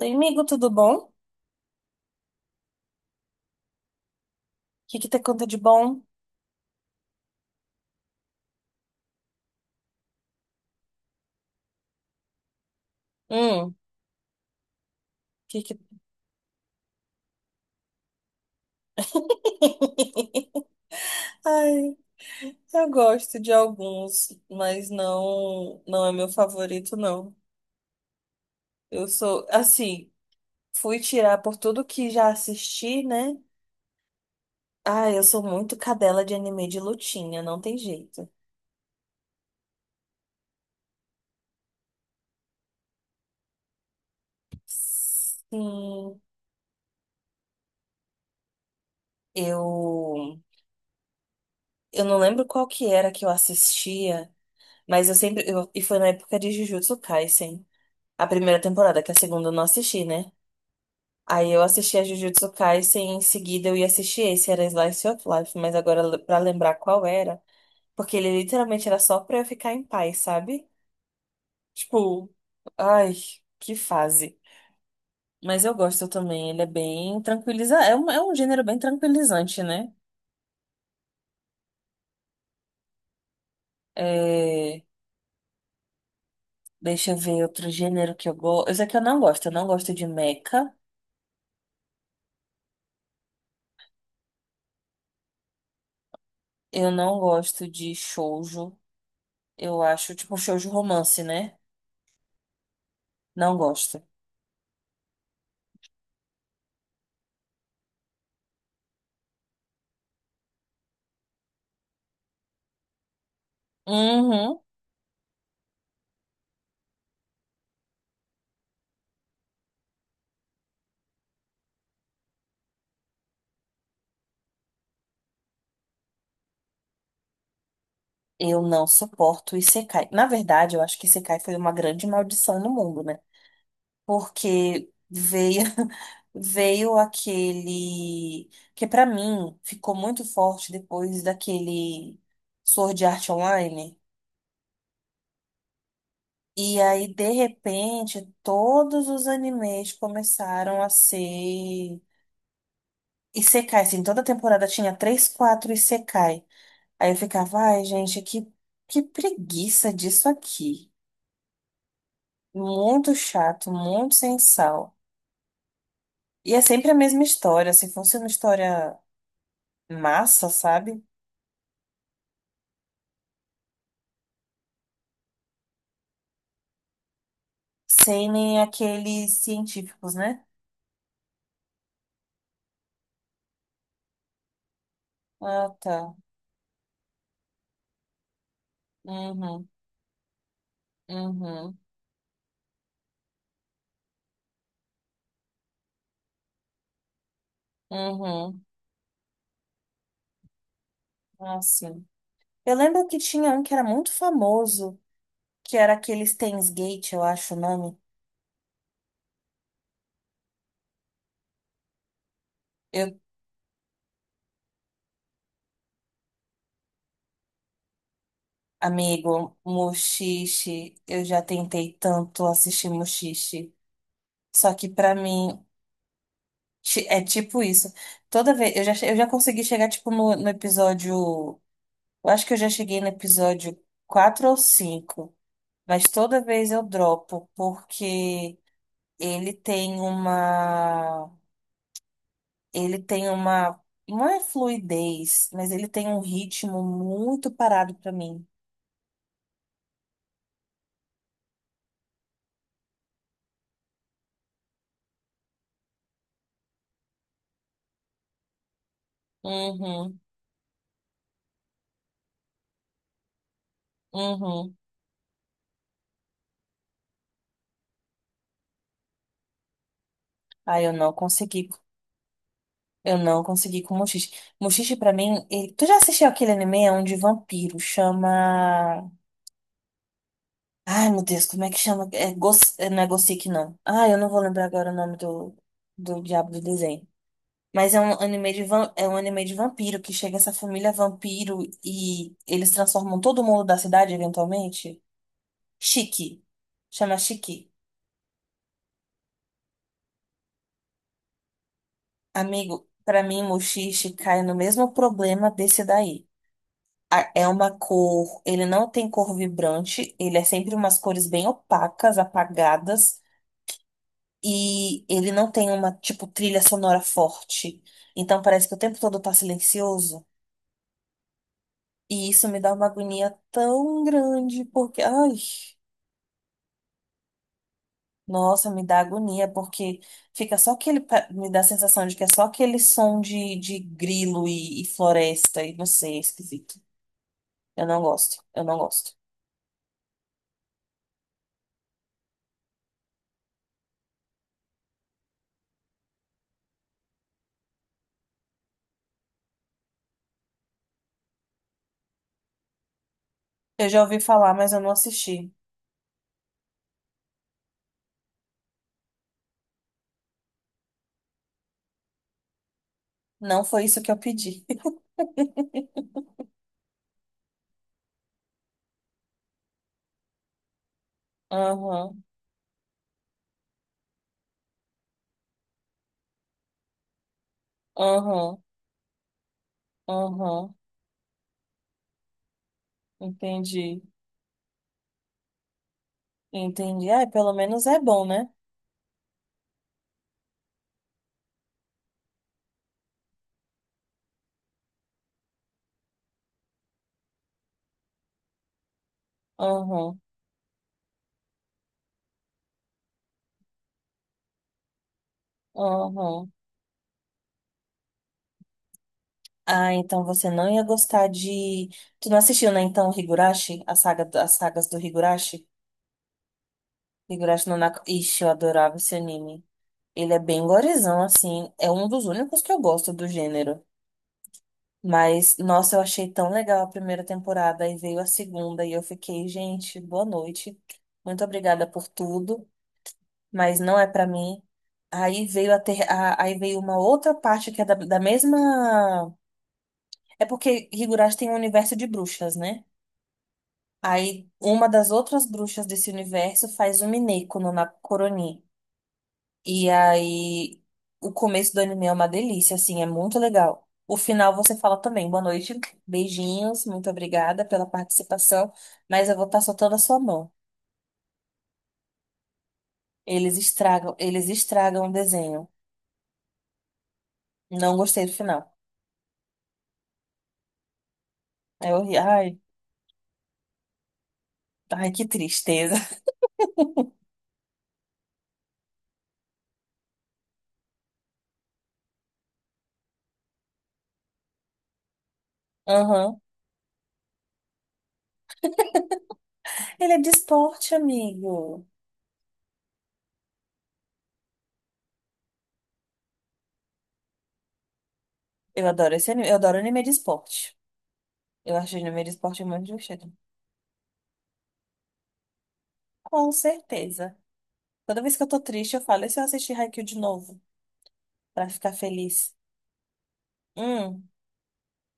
Oi, amigo, tudo bom? O que te conta de bom? Hum, que... Ai, eu gosto de alguns, mas não é meu favorito, não. Eu sou, assim, fui tirar por tudo que já assisti, né? Ah, eu sou muito cadela de anime de lutinha, não tem jeito. Sim, eu, eu não lembro qual que era que eu assistia, mas eu sempre, e foi na época de Jujutsu Kaisen. A primeira temporada, que a segunda eu não assisti, né? Aí eu assisti a Jujutsu Kaisen, em seguida eu ia assistir esse, era Slice of Life, mas agora pra lembrar qual era, porque ele literalmente era só pra eu ficar em paz, sabe? Tipo, ai, que fase. Mas eu gosto também, ele é bem tranquilizante, é um gênero bem tranquilizante, né? É, deixa eu ver outro gênero que eu gosto. Eu sei que eu não gosto de mecha, eu não gosto de shoujo, eu acho, tipo, shoujo romance, né? Não gosto. Uhum. Eu não suporto o Isekai. Na verdade, eu acho que Isekai foi uma grande maldição no mundo, né? Porque veio veio aquele que pra mim ficou muito forte depois daquele Sword Art Online. E aí, de repente, todos os animes começaram a ser Isekai, assim, toda temporada tinha três, quatro Isekai. Aí eu ficava, ai, gente, que preguiça disso aqui. Muito chato, muito sem sal. E é sempre a mesma história. Se fosse uma história massa, sabe? Sem nem aqueles científicos, né? Ah, tá. Uhum, uhum, uhum. Ah, sim. Eu lembro que tinha um que era muito famoso, que era aquele Steins Gate, eu acho o nome. Eu, amigo, Mushishi, eu já tentei tanto assistir Mushishi. Só que pra mim, é tipo isso. Toda vez. Eu já consegui chegar, tipo, no, no episódio. Eu acho que eu já cheguei no episódio 4 ou cinco. Mas toda vez eu dropo, porque ele tem uma. ele tem uma. Não é fluidez, mas ele tem um ritmo muito parado pra mim. Uhum, uhum. Aí eu não consegui. Eu não consegui com o Mushishi. Tu já assistiu aquele anime? É um de vampiro. Chama. Ai, meu Deus, como é que chama? Não é Gothic, não. Ah, eu não vou lembrar agora o nome do, do diabo do desenho. Mas é um anime de vampiro que chega essa família vampiro e eles transformam todo mundo da cidade eventualmente. Chique. Chama Chique. Amigo, pra mim, Mushishi cai no mesmo problema desse daí. É uma cor, ele não tem cor vibrante, ele é sempre umas cores bem opacas, apagadas. E ele não tem uma, tipo, trilha sonora forte. Então parece que o tempo todo tá silencioso. E isso me dá uma agonia tão grande, porque, ai, nossa, me dá agonia, porque fica só aquele, me dá a sensação de que é só aquele som de grilo e floresta, e não sei, é esquisito. Eu não gosto, eu não gosto. Eu já ouvi falar, mas eu não assisti. Não foi isso que eu pedi. Aham, aham, aham. Entendi, entendi. Ah, pelo menos é bom, né? Aham, aham. Ah, então você não ia gostar de. Tu não assistiu, né? Então, Higurashi? A saga, as sagas do Higurashi? Higurashi no Naka. Ixi, eu adorava esse anime. Ele é bem gorizão, assim. É um dos únicos que eu gosto do gênero. Mas, nossa, eu achei tão legal a primeira temporada. Aí veio a segunda e eu fiquei, gente, boa noite. Muito obrigada por tudo. Mas não é pra mim. Aí veio a ter, a- Aí veio uma outra parte que é da mesma. É porque Higurashi tem um universo de bruxas, né? Aí uma das outras bruxas desse universo faz um Mineko no Nakoronin. E aí o começo do anime é uma delícia, assim, é muito legal. O final você fala também, boa noite, beijinhos, muito obrigada pela participação, mas eu vou estar soltando a sua mão. Eles estragam o desenho. Não gostei do final. É horrível. Ai, que tristeza. Aham. Ele é de esporte, amigo. Eu adoro esse anime. Eu adoro anime de esporte. Eu acho anime de esporte muito divertido. Com certeza. Toda vez que eu tô triste, eu falo, e se eu assistir Haikyuu de novo? Pra ficar feliz. Hum,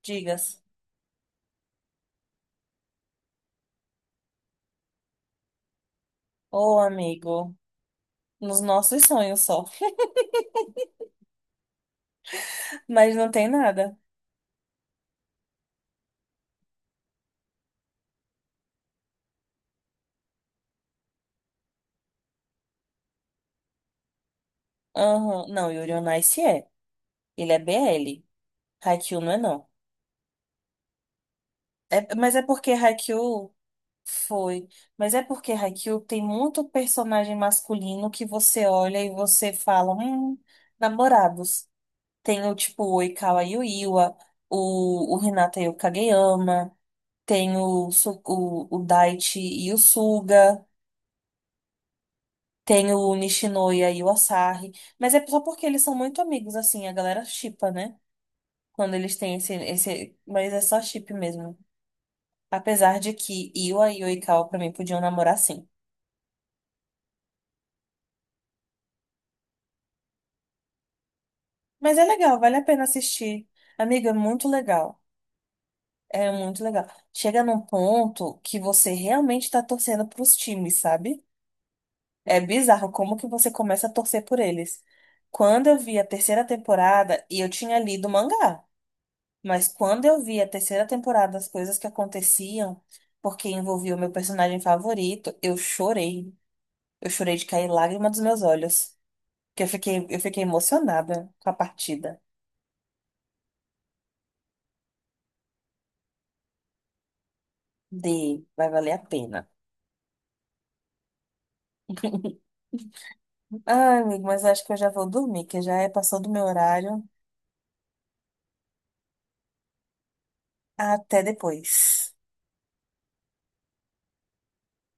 digas. Ô, amigo. Nos nossos sonhos só. Mas não tem nada. Aham. Não, Yuri on Ice é. Ele é BL. Haikyuu não é, não. É, mas é porque Haikyuu. Foi. Mas é porque Haikyuu tem muito personagem masculino que você olha e você fala, namorados. Tem o tipo o Oikawa Yuiwa, o Hinata e o Kageyama, tem o Daichi e o Suga, tem o Nishinoya e o Asahi. Mas é só porque eles são muito amigos, assim, a galera shippa, né? Quando eles têm Mas é só chip mesmo. Apesar de que Iwa e Oikawa, pra mim, podiam namorar sim. Mas é legal, vale a pena assistir. Amiga, é muito legal. É muito legal. Chega num ponto que você realmente tá torcendo pros times, sabe? É bizarro como que você começa a torcer por eles. Quando eu vi a terceira temporada, e eu tinha lido o mangá, mas quando eu vi a terceira temporada, as coisas que aconteciam, porque envolvia o meu personagem favorito, eu chorei. Eu chorei de cair lágrima dos meus olhos. Porque eu fiquei emocionada com a partida de Vai Valer a Pena. Ai, amigo, mas acho que eu já vou dormir, que já é passou do meu horário. Até depois.